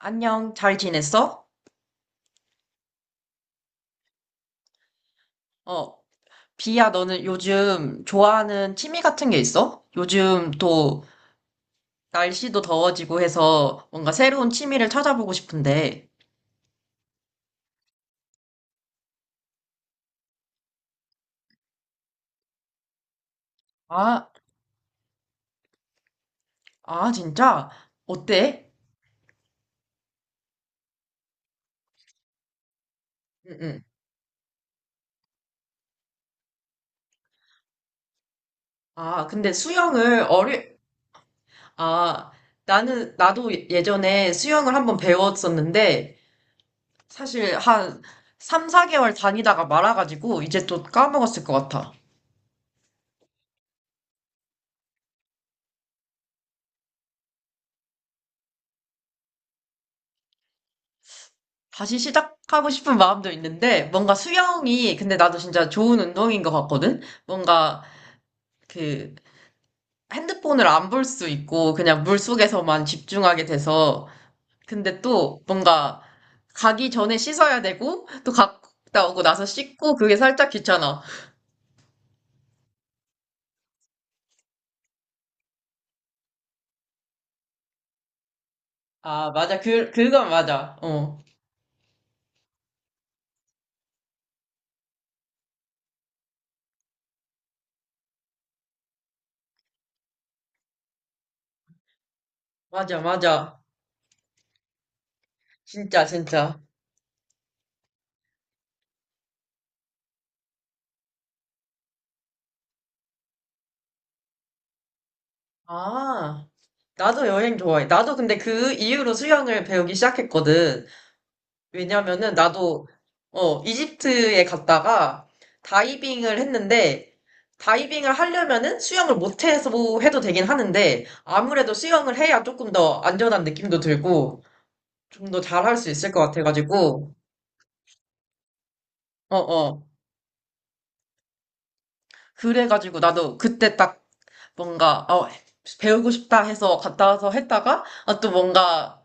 안녕, 잘 지냈어? 어, 비야, 너는 요즘 좋아하는 취미 같은 게 있어? 요즘 또 날씨도 더워지고 해서 뭔가 새로운 취미를 찾아보고 싶은데. 아, 아, 진짜? 어때? 응, 응. 아, 근데 아, 나도 예전에 수영을 한번 배웠었는데, 사실 한 3, 4개월 다니다가 말아가지고, 이제 또 까먹었을 것 같아. 다시 시작하고 싶은 마음도 있는데, 뭔가 수영이, 근데 나도 진짜 좋은 운동인 것 같거든? 뭔가 그 핸드폰을 안 볼 수 있고, 그냥 물 속에서만 집중하게 돼서, 근데 또 뭔가 가기 전에 씻어야 되고, 또 갔다 오고 나서 씻고, 그게 살짝 귀찮아. 아, 맞아. 그건 맞아. 어. 맞아, 맞아. 진짜, 진짜. 아, 나도 여행 좋아해. 나도 근데 그 이후로 수영을 배우기 시작했거든. 왜냐면은 나도 이집트에 갔다가 다이빙을 했는데, 다이빙을 하려면은 수영을 못해서 해도 되긴 하는데 아무래도 수영을 해야 조금 더 안전한 느낌도 들고 좀 더 잘할 수 있을 것 같아가지고 어어. 그래가지고 나도 그때 딱 뭔가 배우고 싶다 해서 갔다 와서 했다가 아, 또 뭔가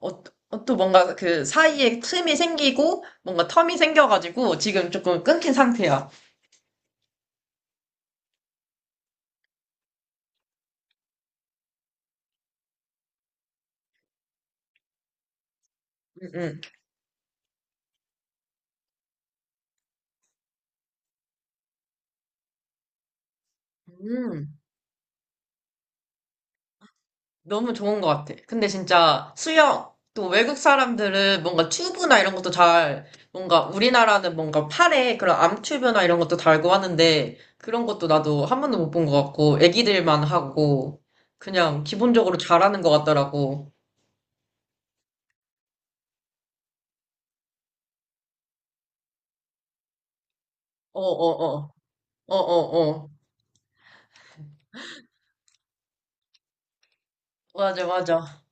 어, 또 뭔가 그 사이에 틈이 생기고 뭔가 텀이 생겨가지고 지금 조금 끊긴 상태야. 음, 음. 음, 너무 좋은 것 같아. 근데 진짜 수영, 또 외국 사람들은 뭔가 튜브나 이런 것도 잘, 뭔가 우리나라는 뭔가 팔에 그런 암튜브나 이런 것도 달고 하는데, 그런 것도 나도 한 번도 못 본 것 같고, 애기들만 하고, 그냥 기본적으로 잘하는 것 같더라고. 어어어. 어어어. 맞아, 맞아.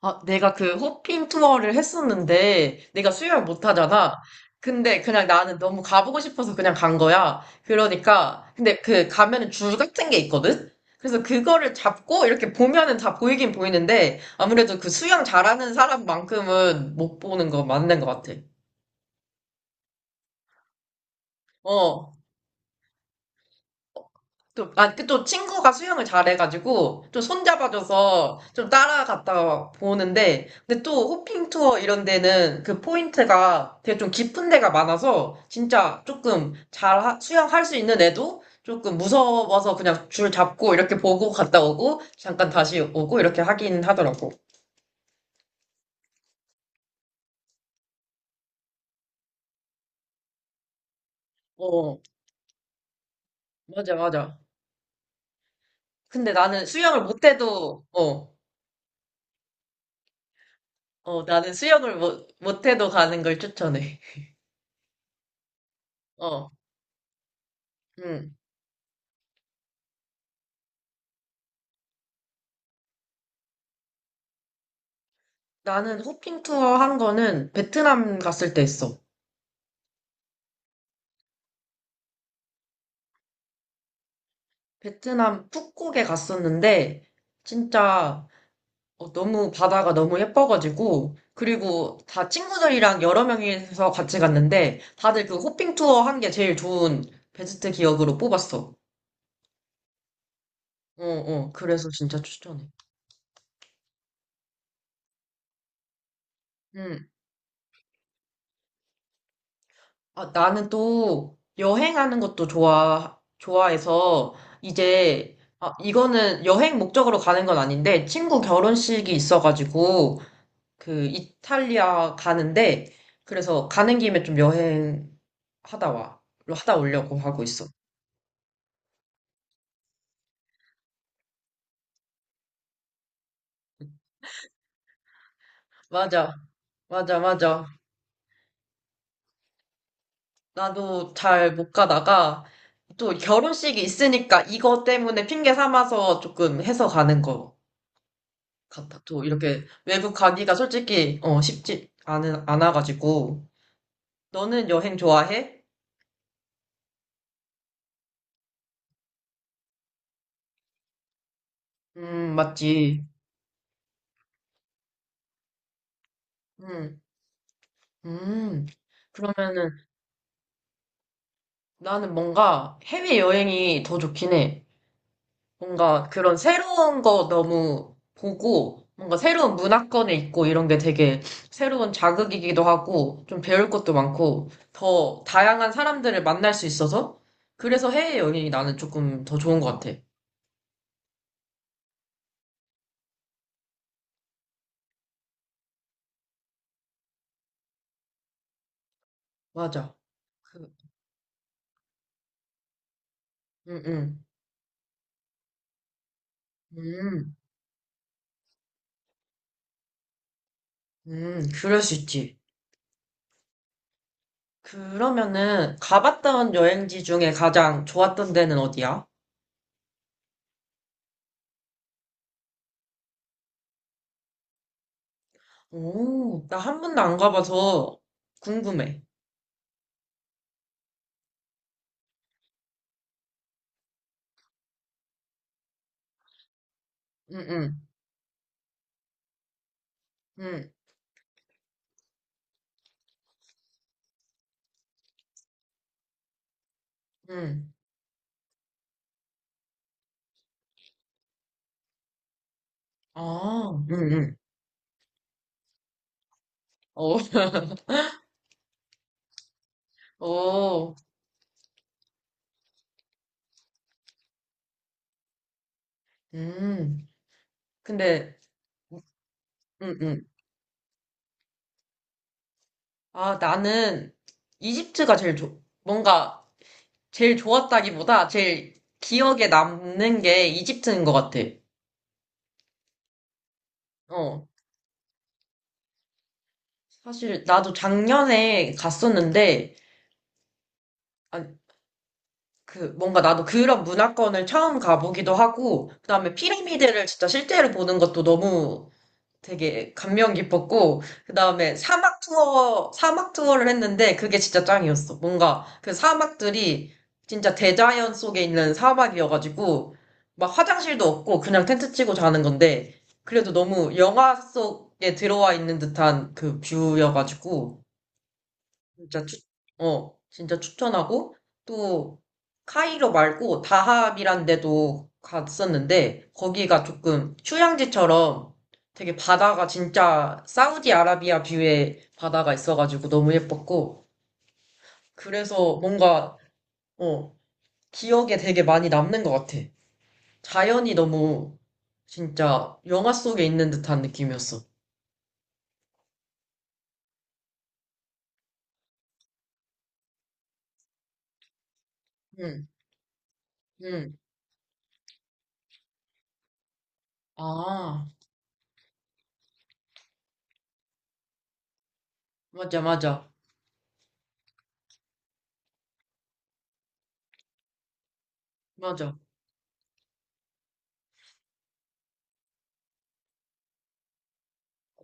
아, 내가 그 호핑 투어를 했었는데, 내가 수영을 못 하잖아. 근데 그냥 나는 너무 가보고 싶어서 그냥 간 거야. 그러니까, 근데 그 가면은 줄 같은 게 있거든? 그래서 그거를 잡고 이렇게 보면은 다 보이긴 보이는데, 아무래도 그 수영 잘하는 사람만큼은 못 보는 거 맞는 것 같아. 어, 또, 아, 그 또 친구가 수영을 잘해가지고, 좀 손잡아줘서 좀 따라갔다 보는데, 근데 또 호핑 투어 이런 데는 그 포인트가 되게 좀 깊은 데가 많아서, 진짜 조금 수영할 수 있는 애도 조금 무서워서 그냥 줄 잡고 이렇게 보고 갔다 오고, 잠깐 다시 오고 이렇게 하긴 하더라고. 어, 맞아, 맞아. 근데 나는 수영을 못해도, 어, 어, 나는 수영을 못, 못해도 가는 걸 추천해. 어, 응. 나는 호핑 투어 한 거는 베트남 갔을 때 했어. 베트남 푸꾸옥에 갔었는데 진짜 어, 너무 바다가 너무 예뻐가지고, 그리고 다 친구들이랑 여러 명이서 같이 갔는데 다들 그 호핑 투어 한 게 제일 좋은 베스트 기억으로 뽑았어. 어, 어. 그래서 진짜 추천해. 음. 아, 나는 또 여행하는 것도 좋아 좋아해서 이제 아, 이거는 여행 목적으로 가는 건 아닌데, 친구 결혼식이 있어가지고, 그 이탈리아 가는데, 그래서 가는 김에 좀 여행 하다 와 하다 오려고 하고 있어. 맞아, 맞아, 맞아. 나도 잘 못 가다가 또 결혼식이 있으니까 이거 때문에 핑계 삼아서 조금 해서 가는 거 같아. 또 이렇게 외국 가기가 솔직히 어 쉽지 않은 않아가지고. 너는 여행 좋아해? 맞지. 음, 음. 그러면은 나는 뭔가 해외여행이 더 좋긴 해. 뭔가 그런 새로운 거 너무 보고, 뭔가 새로운 문화권에 있고 이런 게 되게 새로운 자극이기도 하고, 좀 배울 것도 많고, 더 다양한 사람들을 만날 수 있어서, 그래서 해외여행이 나는 조금 더 좋은 것 같아. 맞아. 그, 응, 응. 음, 그럴 수 있지. 그러면은 가봤던 여행지 중에 가장 좋았던 데는 어디야? 오, 나 한 번도 안 가봐서 궁금해. 응, 응, 응, 응. 아, 응, 응. 어, 어, 음. 근데, 응, 응. 아, 나는 뭔가 제일 좋았다기보다 제일 기억에 남는 게 이집트인 것 같아. 어. 사실 나도 작년에 갔었는데, 아, 그, 뭔가 나도 그런 문화권을 처음 가보기도 하고, 그다음에 피라미드를 진짜 실제로 보는 것도 너무 되게 감명 깊었고, 그 다음에 사막 투어를 했는데 그게 진짜 짱이었어. 뭔가 그 사막들이 진짜 대자연 속에 있는 사막이어가지고, 막 화장실도 없고 그냥 텐트 치고 자는 건데, 그래도 너무 영화 속에 들어와 있는 듯한 그 뷰여가지고, 진짜 추, 진짜 추천하고, 또, 카이로 말고 다합이란 데도 갔었는데, 거기가 조금 휴양지처럼 되게 바다가 진짜 사우디아라비아 뷰의 바다가 있어가지고 너무 예뻤고, 그래서 뭔가, 어, 기억에 되게 많이 남는 것 같아. 자연이 너무 진짜 영화 속에 있는 듯한 느낌이었어. 응, 응. 아, 맞아, 맞아, 맞아.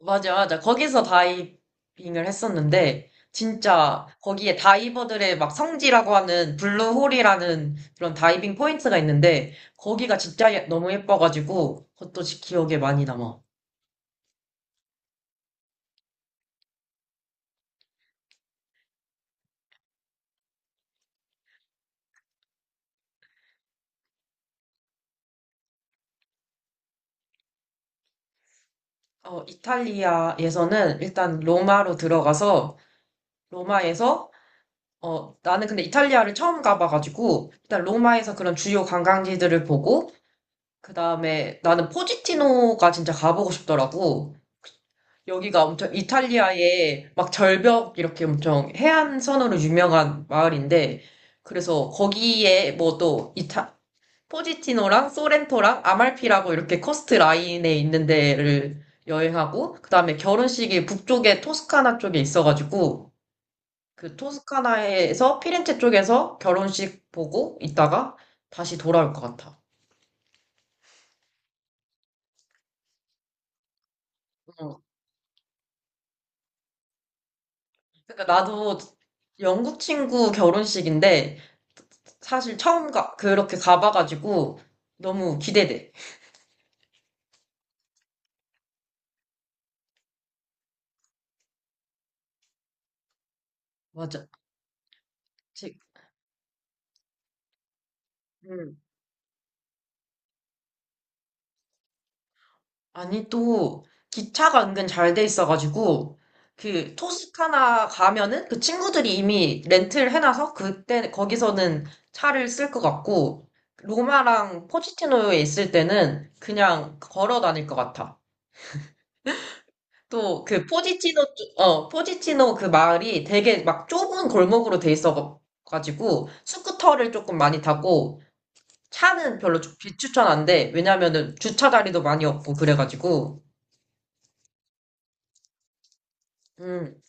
맞아, 맞아. 거기서 다이빙을 했었는데, 진짜 거기에 다이버들의 막 성지라고 하는 블루홀이라는 그런 다이빙 포인트가 있는데, 거기가 너무 예뻐가지고, 그것도 기억에 많이 남아. 어, 이탈리아에서는 일단 로마로 들어가서, 로마에서, 어, 나는 근데 이탈리아를 처음 가봐가지고, 일단 로마에서 그런 주요 관광지들을 보고, 그 다음에 나는 포지티노가 진짜 가보고 싶더라고. 여기가 엄청 이탈리아의 막 절벽 이렇게 엄청 해안선으로 유명한 마을인데 그래서 거기에 뭐 또 이타 포지티노랑 소렌토랑 아말피라고 이렇게 커스트 라인에 있는 데를 여행하고, 그다음에 결혼식이 북쪽에 토스카나 쪽에 있어가지고 그 토스카나에서 피렌체 쪽에서 결혼식 보고 있다가 다시 돌아올 것 같아. 응. 그러니까 나도 영국 친구 결혼식인데 그렇게 가봐가지고 너무 기대돼. 맞아. 제- 음. 아니, 또 기차가 은근 잘 돼 있어가지고 그 토스카나 가면은 그 친구들이 이미 렌트를 해놔서 그때 거기서는 차를 쓸 것 같고, 로마랑 포지티노에 있을 때는 그냥 걸어 다닐 것 같아. 또 그 포지티노 그 마을이 되게 막 좁은 골목으로 돼 있어가지고 스쿠터를 조금 많이 타고, 차는 비추천한데, 왜냐면은 주차 자리도 많이 없고, 그래가지고, 음,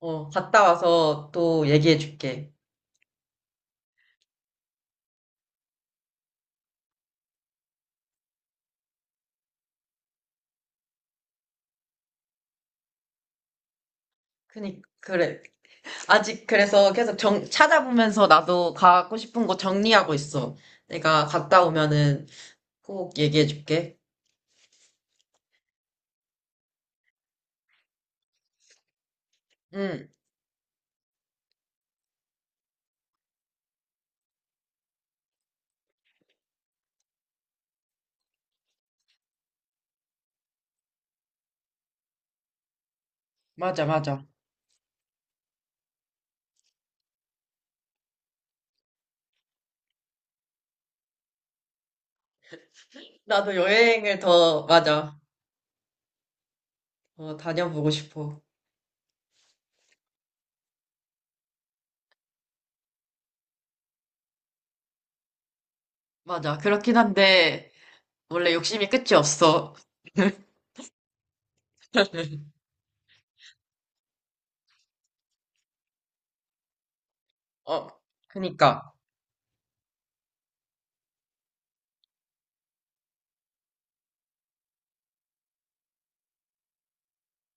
어, 갔다 와서 또 얘기해줄게. 그래. 아직 그래서 계속 찾아보면서 나도 가고 싶은 곳 정리하고 있어. 내가 갔다 오면은 꼭 얘기해줄게. 응, 맞아, 맞아. 나도 여행을 더, 맞아. 어, 다녀보고 싶어. 맞아. 그렇긴 한데, 원래 욕심이 끝이 없어. 어, 그니까.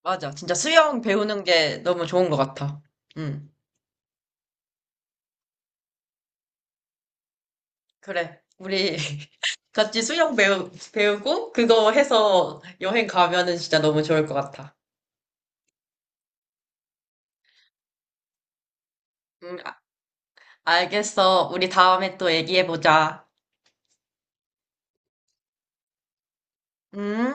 맞아. 진짜 수영 배우는 게 너무 좋은 것 같아. 응. 그래. 우리 같이 배우고 그거 해서 여행 가면은 진짜 너무 좋을 것 같아. 응, 아- 알겠어. 우리 다음에 또 얘기해보자. 응?